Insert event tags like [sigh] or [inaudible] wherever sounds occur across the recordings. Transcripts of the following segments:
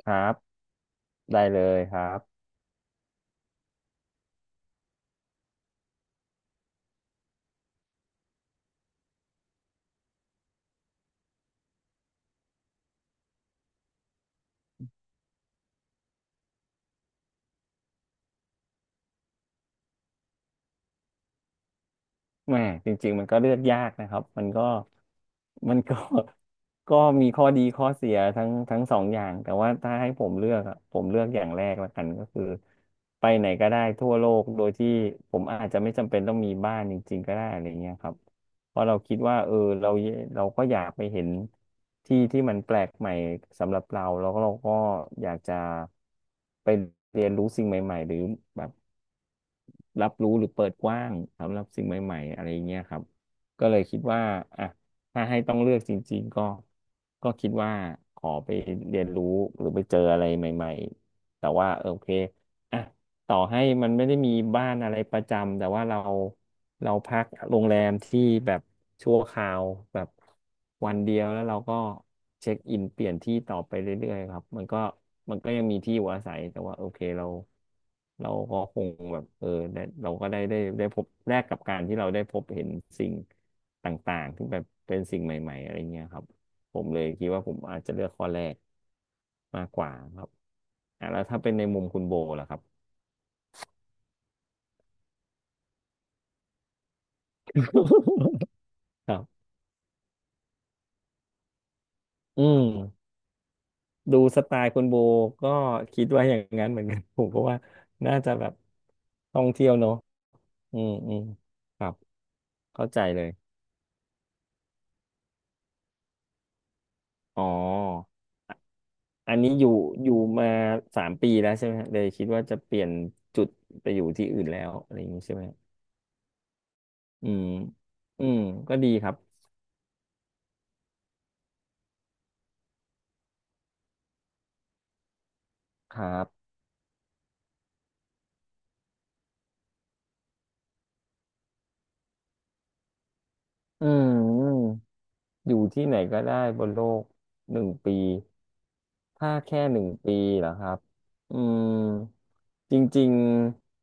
ครับได้เลยครับแหมจริงๆมันก็เลือกยากนะครับมันก็ [laughs] ก็มีข้อดีข้อเสียทั้งสองอย่างแต่ว่าถ้าให้ผมเลือกอะผมเลือกอย่างแรกละกันก็คือไปไหนก็ได้ทั่วโลกโดยที่ผมอาจจะไม่จำเป็นต้องมีบ้านจริงๆก็ได้อะไรเงี้ยครับเพราะเราคิดว่าเราเราก็อยากไปเห็นที่ที่มันแปลกใหม่สำหรับเราแล้วก็เราก็อยากจะไปเรียนรู้สิ่งใหม่ๆหรือแบบ รับรู้หรือเปิดกว้างสำหรับสิ่งใหม่ๆอะไรอย่างเงี้ยครับก็เลยคิดว่าอ่ะถ้าให้ต้องเลือกจริงๆก็ก็คิดว่าขอไปเรียนรู้หรือไปเจออะไรใหม่ๆแต่ว่าโอเคอ่ะ ต่อให้มันไม่ได้มีบ้านอะไรประจำแต่ว่าเราเราพักโรงแรมที่แบบชั่วคราวแบบวันเดียวแล้วเราก็เช็คอินเปลี่ยนที่ต่อไปเรื่อยๆครับมันก็ยังมีที่อยู่อาศัยแต่ว่าโอเคเราเราก็คงแบบได้เราก็ได้พบแลกกับการที่เราได้พบเห็นสิ่งต่างๆที่แบบเป็นสิ่งใหม่ๆอะไรเงี้ยครับผมเลยคิดว่าผมอาจจะเลือกข้อแรกมากกว่าครับอ่ะแล้วถ้าเป็นในมุมคุณโบล่ะครับ ครับอืมดูสไตล์คุณโบก็คิดว่าอย่างนั้นเหมือนกัน [laughs] ผมก็ว่าน่าจะแบบท่องเที่ยวเนอะอืมอืมครับเข้าใจเลย อ๋อ อันนี้อยู่มา3 ปีแล้วใช่ไหมฮะเลยคิดว่าจะเปลี่ยนจุดไปอยู่ที่อื่นแล้วอะไรอย่างนี้ใช่ไหมฮะอืมอืมก็ดีครับครับอืมอยู่ที่ไหนก็ได้บนโลกหนึ่งปี ถ้าแค่1 ปีเหรอครับอืมจริงๆ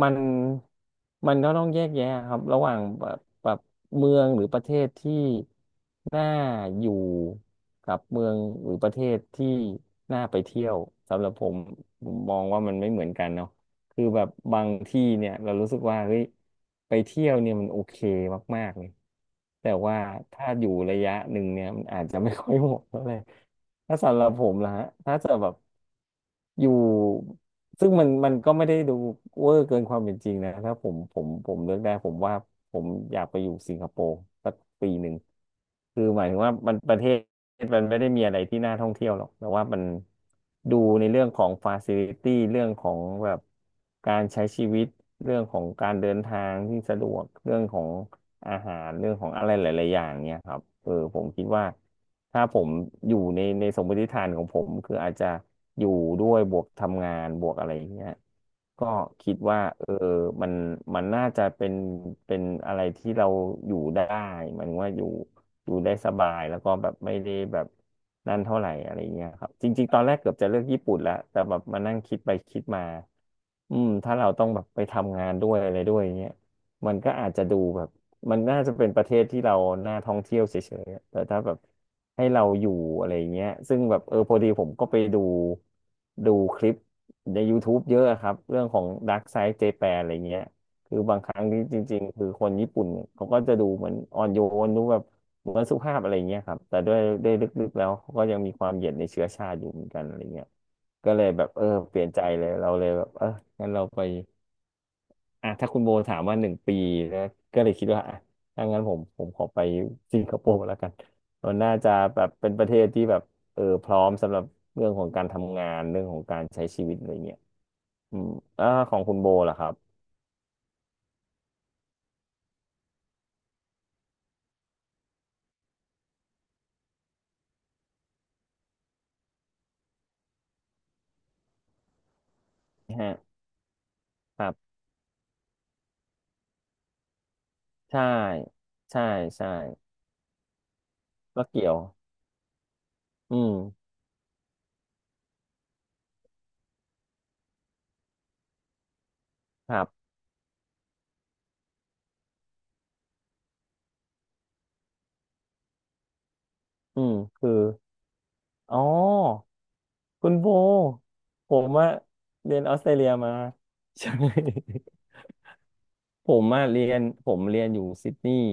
มันมันก็ต้องแยกแยะครับระหว่างแบบแบบเมืองหรือประเทศที่น่าอยู่กับเมืองหรือประเทศที่น่าไปเที่ยวสำหรับผมผมมองว่ามันไม่เหมือนกันเนาะคือแบบบางที่เนี่ยเรารู้สึกว่าเฮ้ยไปเที่ยวเนี่ยมันโอเคมากๆเลยแต่ว่าถ้าอยู่ระยะหนึ่งเนี่ยมันอาจจะไม่ค่อยเหมาะเท่าไหร่ถ้าสำหรับผมนะฮะถ้าจะแบบอยู่ ซึ่งมันก็ไม่ได้ดูเวอร์เกินความเป็นจริงนะถ้าผมเลือกได้ผมว่าผมอยากไปอยู่สิงคโปร์สัก1 ปีคือหมายถึงว่ามันประเทศมันไม่ได้มีอะไรที่น่าท่องเที่ยวหรอกแต่ว่ามันดูในเรื่องของฟาซิลิตี้เรื่องของแบบการใช้ชีวิตเรื่องของการเดินทางที่สะดวกเรื่องของ อาหารเรื่องของอะไรหลายๆอย่างเนี่ยครับผมคิดว่าถ้าผมอยู่ในสมมติฐานของผมคืออาจจะอยู่ด้วยบวกทำงานบวกอะไรอย่างเงี้ยก็คิดว่ามันมันน่าจะเป็นเป็นอะไรที่เราอยู่ได้หมายถึงว่าอยู่ได้สบายแล้วก็แบบไม่ได้แบบนั่นเท่าไหร่อะไรเงี้ยครับจริงๆตอนแรกเกือบจะเลือกญี่ปุ่นแล้วแต่แบบมานั่งคิดไปคิดมา ถ้าเราต้องแบบไปทำงานด้วยอะไรด้วยอย่างเงี้ยมันก็อาจจะดูแบบมันน่าจะเป็นประเทศที่เราน่าท่องเที่ยวเฉยๆอะแต่ถ้าแบบให้เราอยู่อะไรอย่างเงี้ยซึ่งแบบพอดีผมก็ไปดูคลิปใน YouTube เยอะอะครับเรื่องของ Dark Side Japan อะไรเงี้ยคือบางครั้งที่จริงๆคือคนญี่ปุ่นเขาก็จะดูเหมือนอ่อนโยนดูแบบเหมือนสุภาพอะไรเงี้ยครับแต่ด้วยลึกๆแล้วเขาก็ยังมีความเหยียดในเชื้อชาติอยู่เหมือนกันอะไรเงี้ย ก็เลยแบบเปลี่ยนใจเลยเราเลยแบบงั้นเราไปอ่ะถ้าคุณโบถามว่าหนึ่งปีนะก็เลยคิดว่าอ่ะถ้างั้นผมขอไปสิงคโปร์แล้วกันมันน่าจะแบบเป็นประเทศที่แบบพร้อมสำหรับเรื่องของการทำงานเรื่องของการใช้ชีวิตอะไรเงี้ยอืมอ่าของคุณโบล่ะครับฮะครับใช่ใช่ใช่ก็เกี่ยวอืมครับคืออ๋อคุณโบผมว่าเรียนออสเตรเลียมาใช่ ผมมาเรียนผมเรียนอยู่ซิดนีย์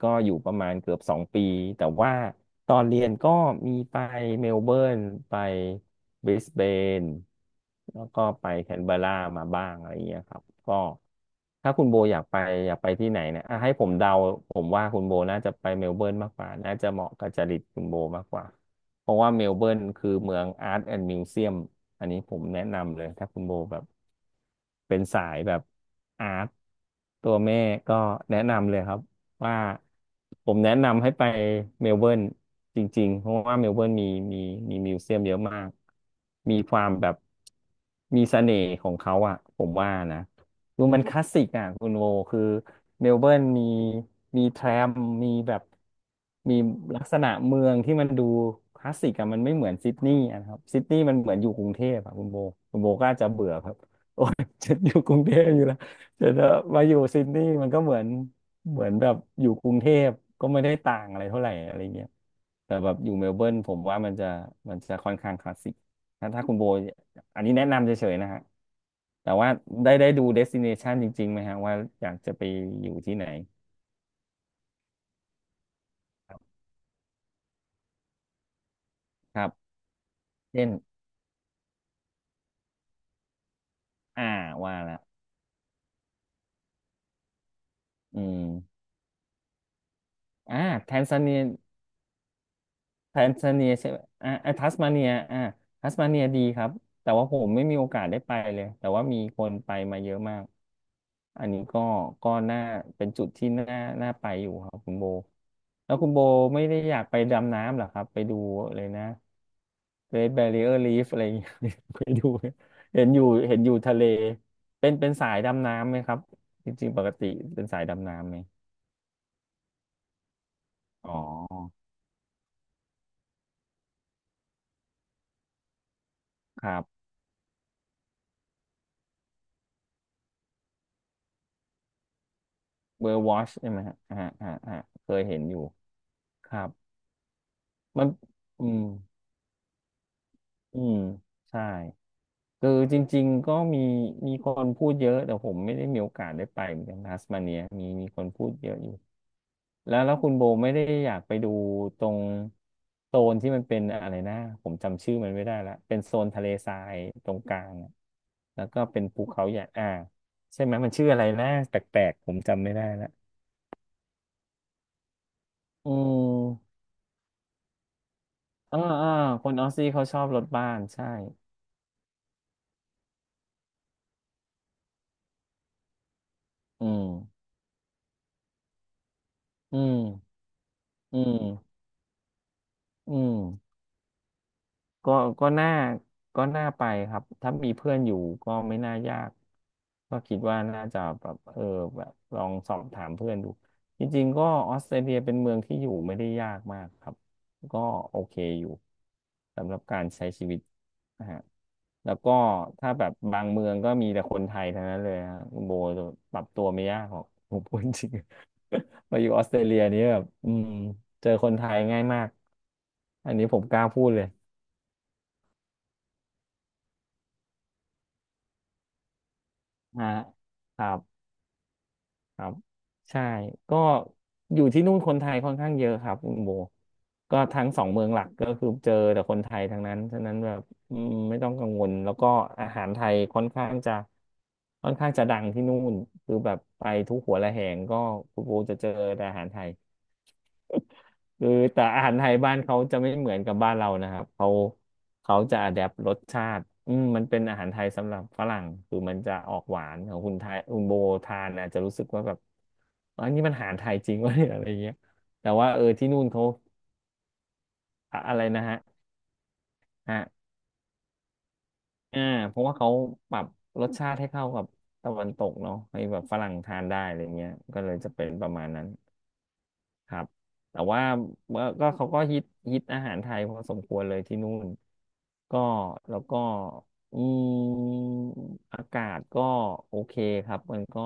ก็อยู่ประมาณเกือบ2 ปีแต่ว่าตอนเรียนก็มีไปเมลเบิร์นไปบริสเบนแล้วก็ไปแคนเบอร์รามาบ้างอะไรอย่างเงี้ยครับก็ถ้าคุณโบอยากไปที่ไหนเนี่ยอ่ะให้ผมเดาผมว่าคุณโบน่าจะไปเมลเบิร์นมากกว่าน่าจะเหมาะกับจริตคุณโบมากกว่าเพราะว่าเมลเบิร์นคือเมืองอาร์ตแอนด์มิวเซียมอันนี้ผมแนะนำเลยถ้าคุณโบแบบ เป็นสายแบบอาร์ตตัวแม่ก็แนะนำเลยครับว่าผมแนะนำให้ไปเมลเบิร์นจริงๆเพราะว่าเมลเบิร์นมีมีมิวเซียมเยอะมากมีความแบบมีเสน่ห์ของเขาอ่ะผมว่านะดูมันคลาสสิกอ่ะคุณโวคือเมลเบิร์นมีแทรมมีแบบมีลักษณะเมืองที่มันดูคลาสสิกอ่ะมันไม่เหมือนซิดนีย์อะนะครับซิดนีย์มันเหมือนอยู่กรุงเทพอ่ะคุณโบคุณโบก็อาจจะเบื่อครับ [laughs] ฉันอยู่กรุงเทพอยู่แล้วแต่ถ้ามาอยู่ซิดนีย์มันก็เหมือนเหมือนแบบอยู่กรุงเทพก็ไม่ได้ต่างอะไรเท่าไหร่อะไรเงี้ยแต่แบบอยู่เมลเบิร์นผมว่ามันจะค่อนข้างคลาสสิกถ้าคุณโบอันนี้แนะนำเฉยๆนะฮะแต่ว่าได้ดูเดสติเนชันจริงๆไหมฮะว่าอยากจะไปอยู่ที่ไหนครับ เช่น อ่าว่าละ อืมอ่า แทนซาเนีย แทนซาเนียใช่ไหมอ่าอ่าทัสมาเนียอ่าทัสมาเนียดีครับแต่ว่าผมไม่มีโอกาสได้ไปเลยแต่ว่ามีคนไปมาเยอะมากอันนี้ก็ก็น่าเป็นจุดที่น่าน่าไปอยู่ครับคุณโบแล้วคุณโบไม่ได้อยากไปดำน้ำเหรอครับไปดูเลยนะ Great Barrier Reef อะไรอย่างเงี้ย [laughs] ไปดูเห็นอยู่เห็นอยู่ทะเลเป็นสายดำน้ำไหมครับจริงๆปกติเป็นสายดำน้ำไหมอ๋อครับเบอร์วอชใช่ไหมฮะอ่าอ่าอ่าเคยเห็นอยู่ ครับมันอืมอืมใช่คือจริงๆก็มีคนพูดเยอะแต่ผมไม่ได้มีโอกาสได้ไปเหมือนกันทัสมาเนียมีคนพูดเยอะอยู่แล้วคุณโบไม่ได้อยากไปดูตรงโซนที่มันเป็นอะไรนะผมจำชื่อมันไม่ได้ละเป็นโซนทะเลทรายตรงกลางอะแล้วก็เป็นภูเขาใหญ่อ่าใช่ไหมมันชื่ออะไรนะแปลกๆผมจำไม่ได้ละอืมอ่าอ่าคนออสซี่เขาชอบรถบ้านใช่อืมอืมอืม อืม ก็น่าไปครับถ้ามีเพื่อนอยู่ก็ไม่น่ายากก็คิดว่าน่าจะแบบเออแบบลองสอบถามเพื่อนดูจริงๆก็ออสเตรเลียเป็นเมืองที่อยู่ไม่ได้ยากมากครับก็โอเคอยู่สำหรับการใช้ชีวิตนะฮะแล้วก็ถ้าแบบบางเมืองก็มีแต่คนไทยทั้งนั้นเลยฮะคุณโบจะปรับตัวไม่ยากหรอกผมพูดจริง [laughs] มาอยู่ออสเตรเลียนี้แบบเจอคนไทยง่ายมากอันนี้ผมกล้าพูดเลย ฮะครับครับใช่ก็อยู่ที่นู่นคนไทยค่อนข้างเยอะครับคุณโบก็ทั้งสองเมืองหลักก็คือเจอแต่คนไทยทั้งนั้นฉะนั้นแบบอืมไม่ต้องกังวลแล้วก็อาหารไทยค่อนข้างจะดังที่นู่นคือแบบไปทุกหัวระแหงก็คุณโบจะเจอแต่อาหารไทย [laughs] คือแต่อาหารไทยบ้านเขาจะไม่เหมือนกับบ้านเรานะครับเขาจะอ d แ p t รสชาติมันเป็นอาหารไทยสำหรับฝรั่งคือมันจะออกหวานของคุณไทยคุณโบทานอาจจะรู้สึกว่าแบบอันนี้มันอาหารไทยจริงวะ [laughs] เนี่ยอะไรเงี้ยแต่ว่าเออที่นู่นเขาอะอะไรนะฮะฮะอ่าเพราะว่าเขาปรับรสชาติให้เข้ากับตะวันตกเนาะให้แบบฝรั่งทานได้อะไรเงี้ยก็เลยจะเป็นประมาณนั้น ครับแต่ว่าเมื่อก็เขาก็ฮิตอาหารไทยพอสมควรเลยที่นู่นก็แล้วก็อืมอากาศก็โอเคครับมันก็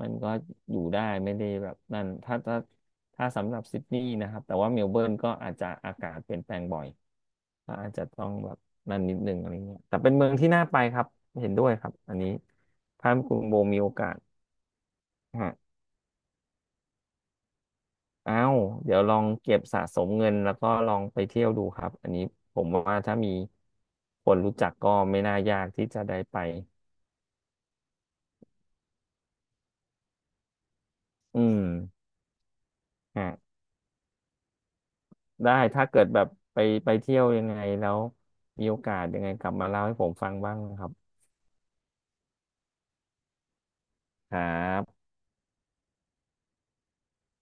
มันก็อยู่ได้ไม่ได้แบบนั่นถ้าสำหรับซิดนีย์นะครับแต่ว่าเมลเบิร์นก็อาจจะอากาศเปลี่ยนแปลงบ่อยก็อาจจะต้องแบบนั่นนิดนึงอะไรเงี้ยแต่เป็นเมืองที่น่าไปครับเห็นด้วยครับอันนี้ถ้าคุณโบมีโอกาส เอ้าวเดี๋ยวลองเก็บสะสมเงินแล้วก็ลองไปเที่ยวดูครับอันนี้ผมว่าถ้ามีคนรู้จักก็ไม่น่ายากที่จะได้ไปอืมฮะได้ถ้าเกิดแบบไปเที่ยวยังไงแล้วมีโอกาสยังไงกลับมาเล่าให้ผมฟังบ้างนะครับครับ